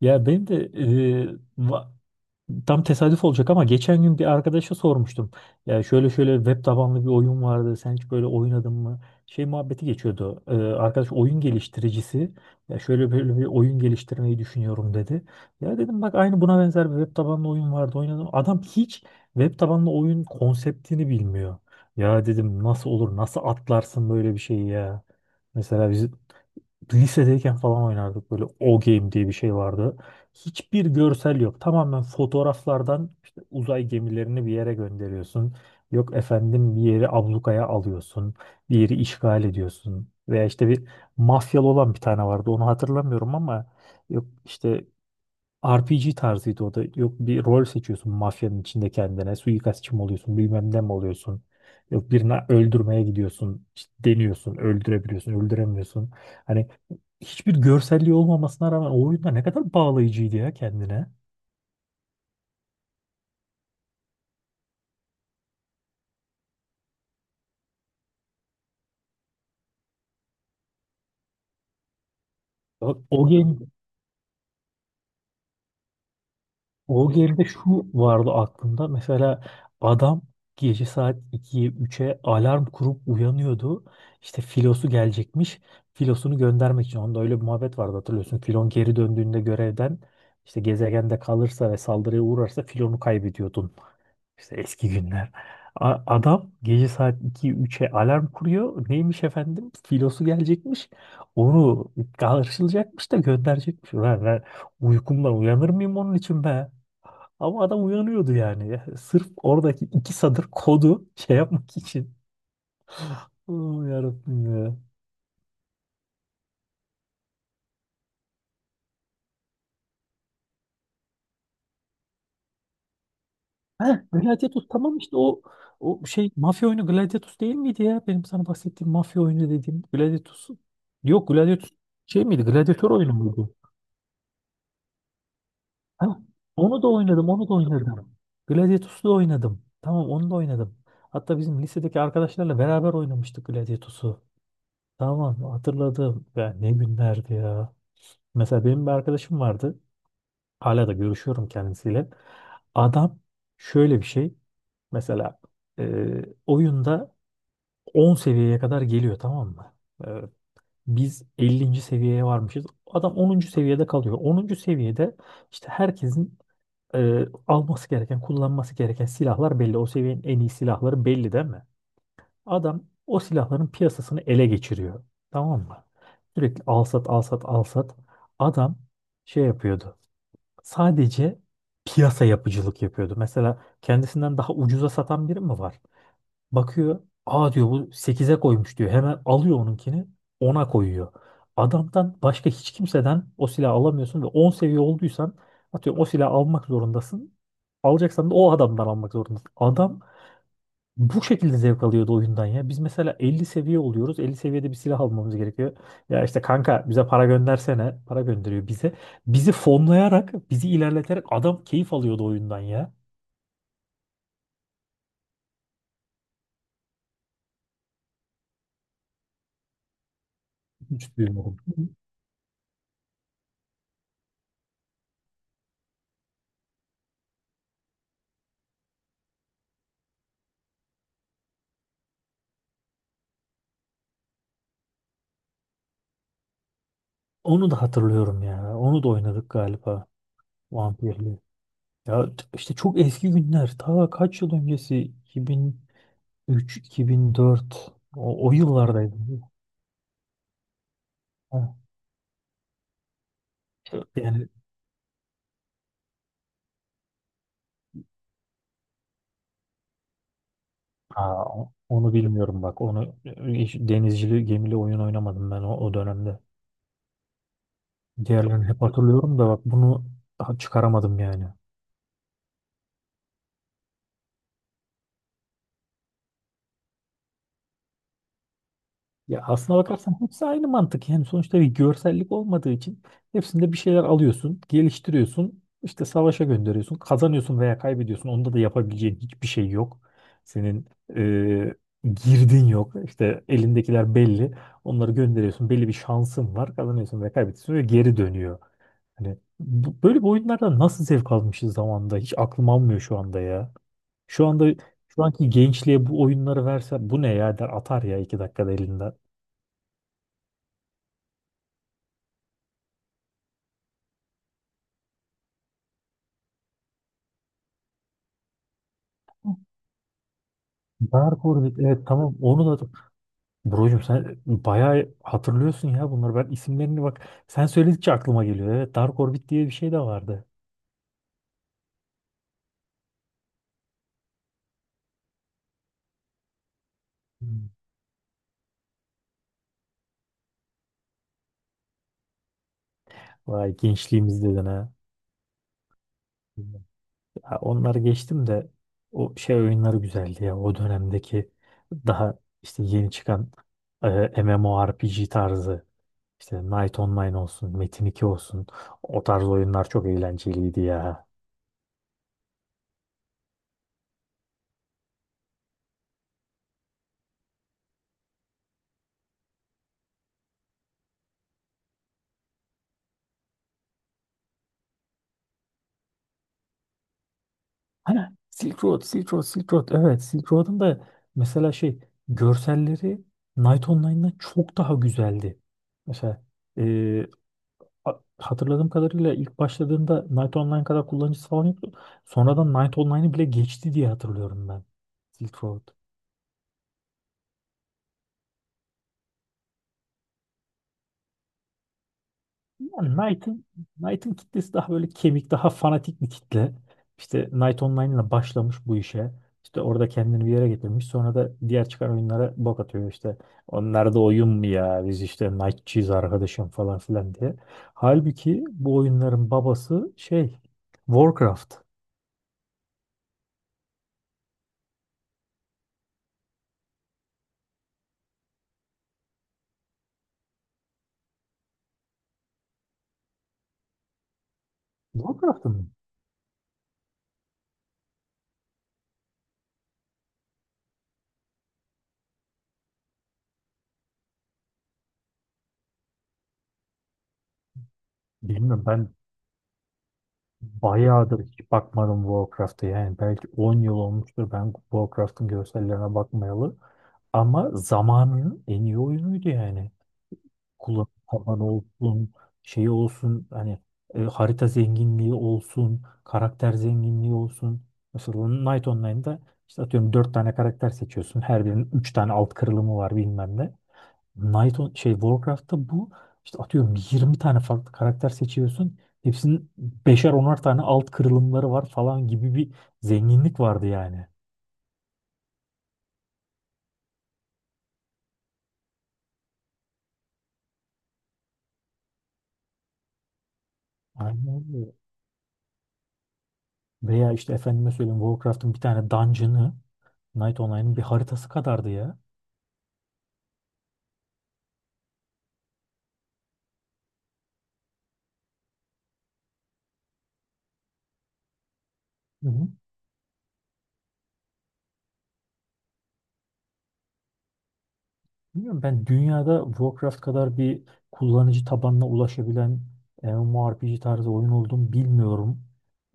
Ya benim de tam tesadüf olacak ama geçen gün bir arkadaşa sormuştum. Ya şöyle şöyle web tabanlı bir oyun vardı. Sen hiç böyle oynadın mı? Şey muhabbeti geçiyordu. Arkadaş oyun geliştiricisi. Ya şöyle böyle bir oyun geliştirmeyi düşünüyorum dedi. Ya dedim bak aynı buna benzer bir web tabanlı oyun vardı, oynadım. Adam hiç web tabanlı oyun konseptini bilmiyor. Ya dedim nasıl olur, nasıl atlarsın böyle bir şeyi ya. Mesela biz lisedeyken falan oynardık, böyle O Game diye bir şey vardı. Hiçbir görsel yok. Tamamen fotoğraflardan işte uzay gemilerini bir yere gönderiyorsun. Yok efendim bir yeri ablukaya alıyorsun. Bir yeri işgal ediyorsun. Veya işte bir mafyalı olan bir tane vardı. Onu hatırlamıyorum ama yok işte RPG tarzıydı o da. Yok bir rol seçiyorsun mafyanın içinde kendine. Suikastçı mı oluyorsun, bilmem ne mi oluyorsun. Yok birini öldürmeye gidiyorsun. İşte deniyorsun, öldürebiliyorsun, öldüremiyorsun. Hani hiçbir görselliği olmamasına rağmen o oyunda ne kadar bağlayıcıydı ya kendine. O, o Game. O geride şu vardı aklımda. Mesela adam gece saat 2'ye üç'e alarm kurup uyanıyordu. İşte filosu gelecekmiş. Filosunu göndermek için. Onda öyle bir muhabbet vardı, hatırlıyorsun. Filon geri döndüğünde görevden işte gezegende kalırsa ve saldırıya uğrarsa filonu kaybediyordun. İşte eski günler. Adam gece saat 2 üç'e alarm kuruyor. Neymiş efendim? Filosu gelecekmiş. Onu karşılayacakmış da gönderecekmiş. Ulan ben uykumdan uyanır mıyım onun için be? Ama adam uyanıyordu yani. Ya sırf oradaki iki sadır kodu şey yapmak için. Oh, yarabbim ya. Heh, Gladiatus tamam işte. O şey mafya oyunu Gladiatus değil miydi ya? Benim sana bahsettiğim mafya oyunu dediğim Gladiatus. Yok Gladiatus şey miydi? Gladiator oyunu muydu? Heh, onu da oynadım, onu da oynadım. Gladiatus'u da oynadım. Tamam, onu da oynadım. Hatta bizim lisedeki arkadaşlarla beraber oynamıştık Gladiatus'u. Tamam, hatırladım. Ya ne günlerdi ya. Mesela benim bir arkadaşım vardı. Hala da görüşüyorum kendisiyle. Adam şöyle bir şey. Mesela e, oyunda 10 seviyeye kadar geliyor, tamam mı? E, Biz 50. seviyeye varmışız. Adam onuncu seviyede kalıyor. Onuncu seviyede işte herkesin alması gereken, kullanması gereken silahlar belli. O seviyenin en iyi silahları belli değil mi? Adam o silahların piyasasını ele geçiriyor. Tamam mı? Sürekli al sat, al sat, al sat. Adam şey yapıyordu. Sadece piyasa yapıcılık yapıyordu. Mesela kendisinden daha ucuza satan biri mi var? Bakıyor, aa diyor bu sekize koymuş diyor. Hemen alıyor onunkini, ona koyuyor. Adamdan başka hiç kimseden o silahı alamıyorsun ve 10 seviye olduysan atıyorum o silahı almak zorundasın. Alacaksan da o adamdan almak zorundasın. Adam bu şekilde zevk alıyordu oyundan ya. Biz mesela 50 seviye oluyoruz. Elli seviyede bir silah almamız gerekiyor. Ya işte kanka bize para göndersene. Para gönderiyor bize. Bizi fonlayarak, bizi ilerleterek adam keyif alıyordu oyundan ya. Hiç duymadım. Onu da hatırlıyorum ya. Onu da oynadık galiba. Vampirli. İşte çok eski günler. Ta kaç yıl öncesi? 2003, 2004. O, o yıllardaydı. Ha. Yani. Aa, onu bilmiyorum bak. Onu hiç denizcili gemili oyun oynamadım ben o dönemde. Diğerlerini hep hatırlıyorum da bak bunu daha çıkaramadım yani. Ya aslına bakarsan hepsi aynı mantık. Yani sonuçta bir görsellik olmadığı için hepsinde bir şeyler alıyorsun, geliştiriyorsun, işte savaşa gönderiyorsun, kazanıyorsun veya kaybediyorsun. Onda da yapabileceğin hiçbir şey yok. Senin eee, girdin yok. İşte elindekiler belli. Onları gönderiyorsun. Belli bir şansın var. Kazanıyorsun veya kaybediyorsun ve geri dönüyor. Hani böyle bir oyunlardan nasıl zevk almışız zamanında, hiç aklım almıyor şu anda ya. Şu anda şu anki gençliğe bu oyunları verse, bu ne ya der, atar ya iki dakikada elinden. Dark Orbit, evet tamam onu da. Brocum sen bayağı hatırlıyorsun ya bunları, ben isimlerini bak sen söyledikçe aklıma geliyor. Evet Dark Orbit diye bir şey de vardı. Hmm. Vay, gençliğimiz dedin ha. Ha, onları geçtim de o şey oyunları güzeldi ya. O dönemdeki daha işte yeni çıkan MMORPG tarzı, işte Knight Online olsun, Metin 2 olsun, o tarz oyunlar çok eğlenceliydi ya. Ha, Silk Road, Silk Road, Silk Road. Evet, Silk Road'un da mesela şey görselleri Knight Online'dan çok daha güzeldi. Mesela hatırladığım kadarıyla ilk başladığında Knight Online kadar kullanıcısı falan yoktu. Sonradan Knight Online'ı bile geçti diye hatırlıyorum ben. Silk Road. Yani Knight'ın kitlesi daha böyle kemik, daha fanatik bir kitle. İşte Knight Online'la başlamış bu işe. İşte orada kendini bir yere getirmiş. Sonra da diğer çıkan oyunlara bok atıyor işte. Onlar da oyun mu ya? Biz işte Knight'çıyız arkadaşım falan filan diye. Halbuki bu oyunların babası şey, Warcraft. Warcraft'ın mı? Bilmiyorum ben. Bayağıdır hiç bakmadım Warcraft'a, yani belki 10 yıl olmuştur ben Warcraft'ın görsellerine bakmayalı. Ama zamanının en iyi oyunuydu yani. Kullanım tabanı olsun, şeyi olsun, hani harita zenginliği olsun, karakter zenginliği olsun. Mesela Knight Online'da işte atıyorum 4 tane karakter seçiyorsun. Her birinin 3 tane alt kırılımı var bilmem ne. Knight on, şey Warcraft'ta bu işte atıyorum 20 tane farklı karakter seçiyorsun. Hepsinin beşer onar tane alt kırılımları var falan gibi bir zenginlik vardı yani. Aynen öyle. Veya işte efendime söyleyeyim Warcraft'ın bir tane dungeon'ı Night Online'ın bir haritası kadardı ya. Hı hı. Bilmiyorum ben, dünyada Warcraft kadar bir kullanıcı tabanına ulaşabilen MMORPG tarzı oyun olduğunu bilmiyorum.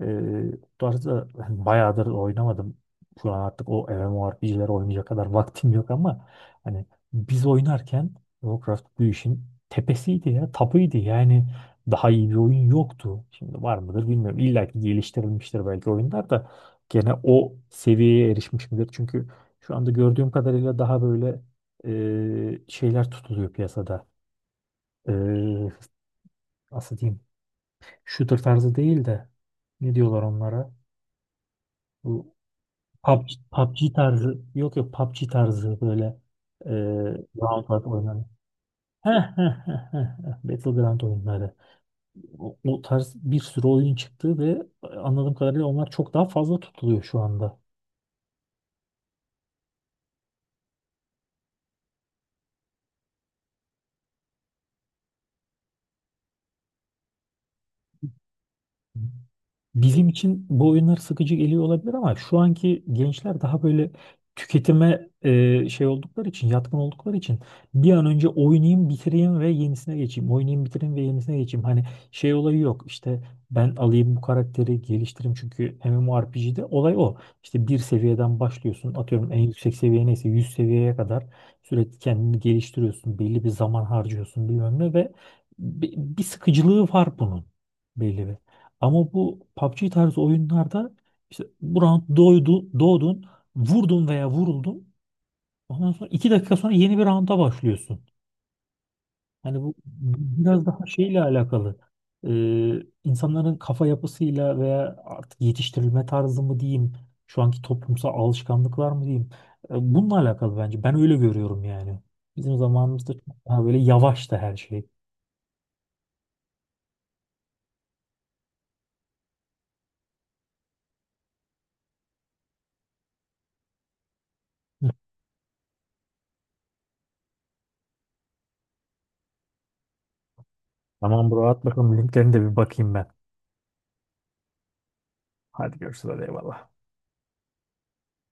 Bu tarzda hani bayağıdır oynamadım. Şu an artık o MMORPG'ler oynayacak kadar vaktim yok ama hani biz oynarken Warcraft bu işin tepesiydi ya, tapıydı. Yani daha iyi bir oyun yoktu. Şimdi var mıdır bilmiyorum. İlla ki geliştirilmiştir belki oyunlar da gene o seviyeye erişmiş midir? Çünkü şu anda gördüğüm kadarıyla daha böyle şeyler tutuluyor piyasada. E, Nasıl diyeyim? Shooter tarzı değil de ne diyorlar onlara? Bu PUBG, PUBG tarzı. Yok yok, PUBG tarzı böyle e, round var oynanan. Heh, heh, heh, heh, heh. Battleground oyunları. O, o tarz bir sürü oyun çıktı ve anladığım kadarıyla onlar çok daha fazla tutuluyor şu anda. Bizim için bu oyunlar sıkıcı geliyor olabilir ama şu anki gençler daha böyle tüketime şey oldukları için, yatkın oldukları için bir an önce oynayayım, bitireyim ve yenisine geçeyim. Oynayayım, bitireyim ve yenisine geçeyim. Hani şey olayı yok. İşte ben alayım bu karakteri, geliştireyim çünkü MMORPG'de olay o. İşte bir seviyeden başlıyorsun. Atıyorum en yüksek seviye neyse 100 seviyeye kadar sürekli kendini geliştiriyorsun. Belli bir zaman harcıyorsun bilmem ne ve bir sıkıcılığı var bunun, belli bir. Ama bu PUBG tarzı oyunlarda işte bu round doydu, doğdun, vurdun veya vuruldun. Ondan sonra iki dakika sonra yeni bir rounda başlıyorsun. Hani bu biraz daha şeyle alakalı. İnsanların kafa yapısıyla veya artık yetiştirilme tarzı mı diyeyim, şu anki toplumsal alışkanlıklar mı diyeyim. Bununla alakalı bence. Ben öyle görüyorum yani. Bizim zamanımızda çok daha böyle yavaştı her şey. Hı. Tamam bro, at bakalım linklerine de bir bakayım ben. Hadi görüşürüz, hadi eyvallah.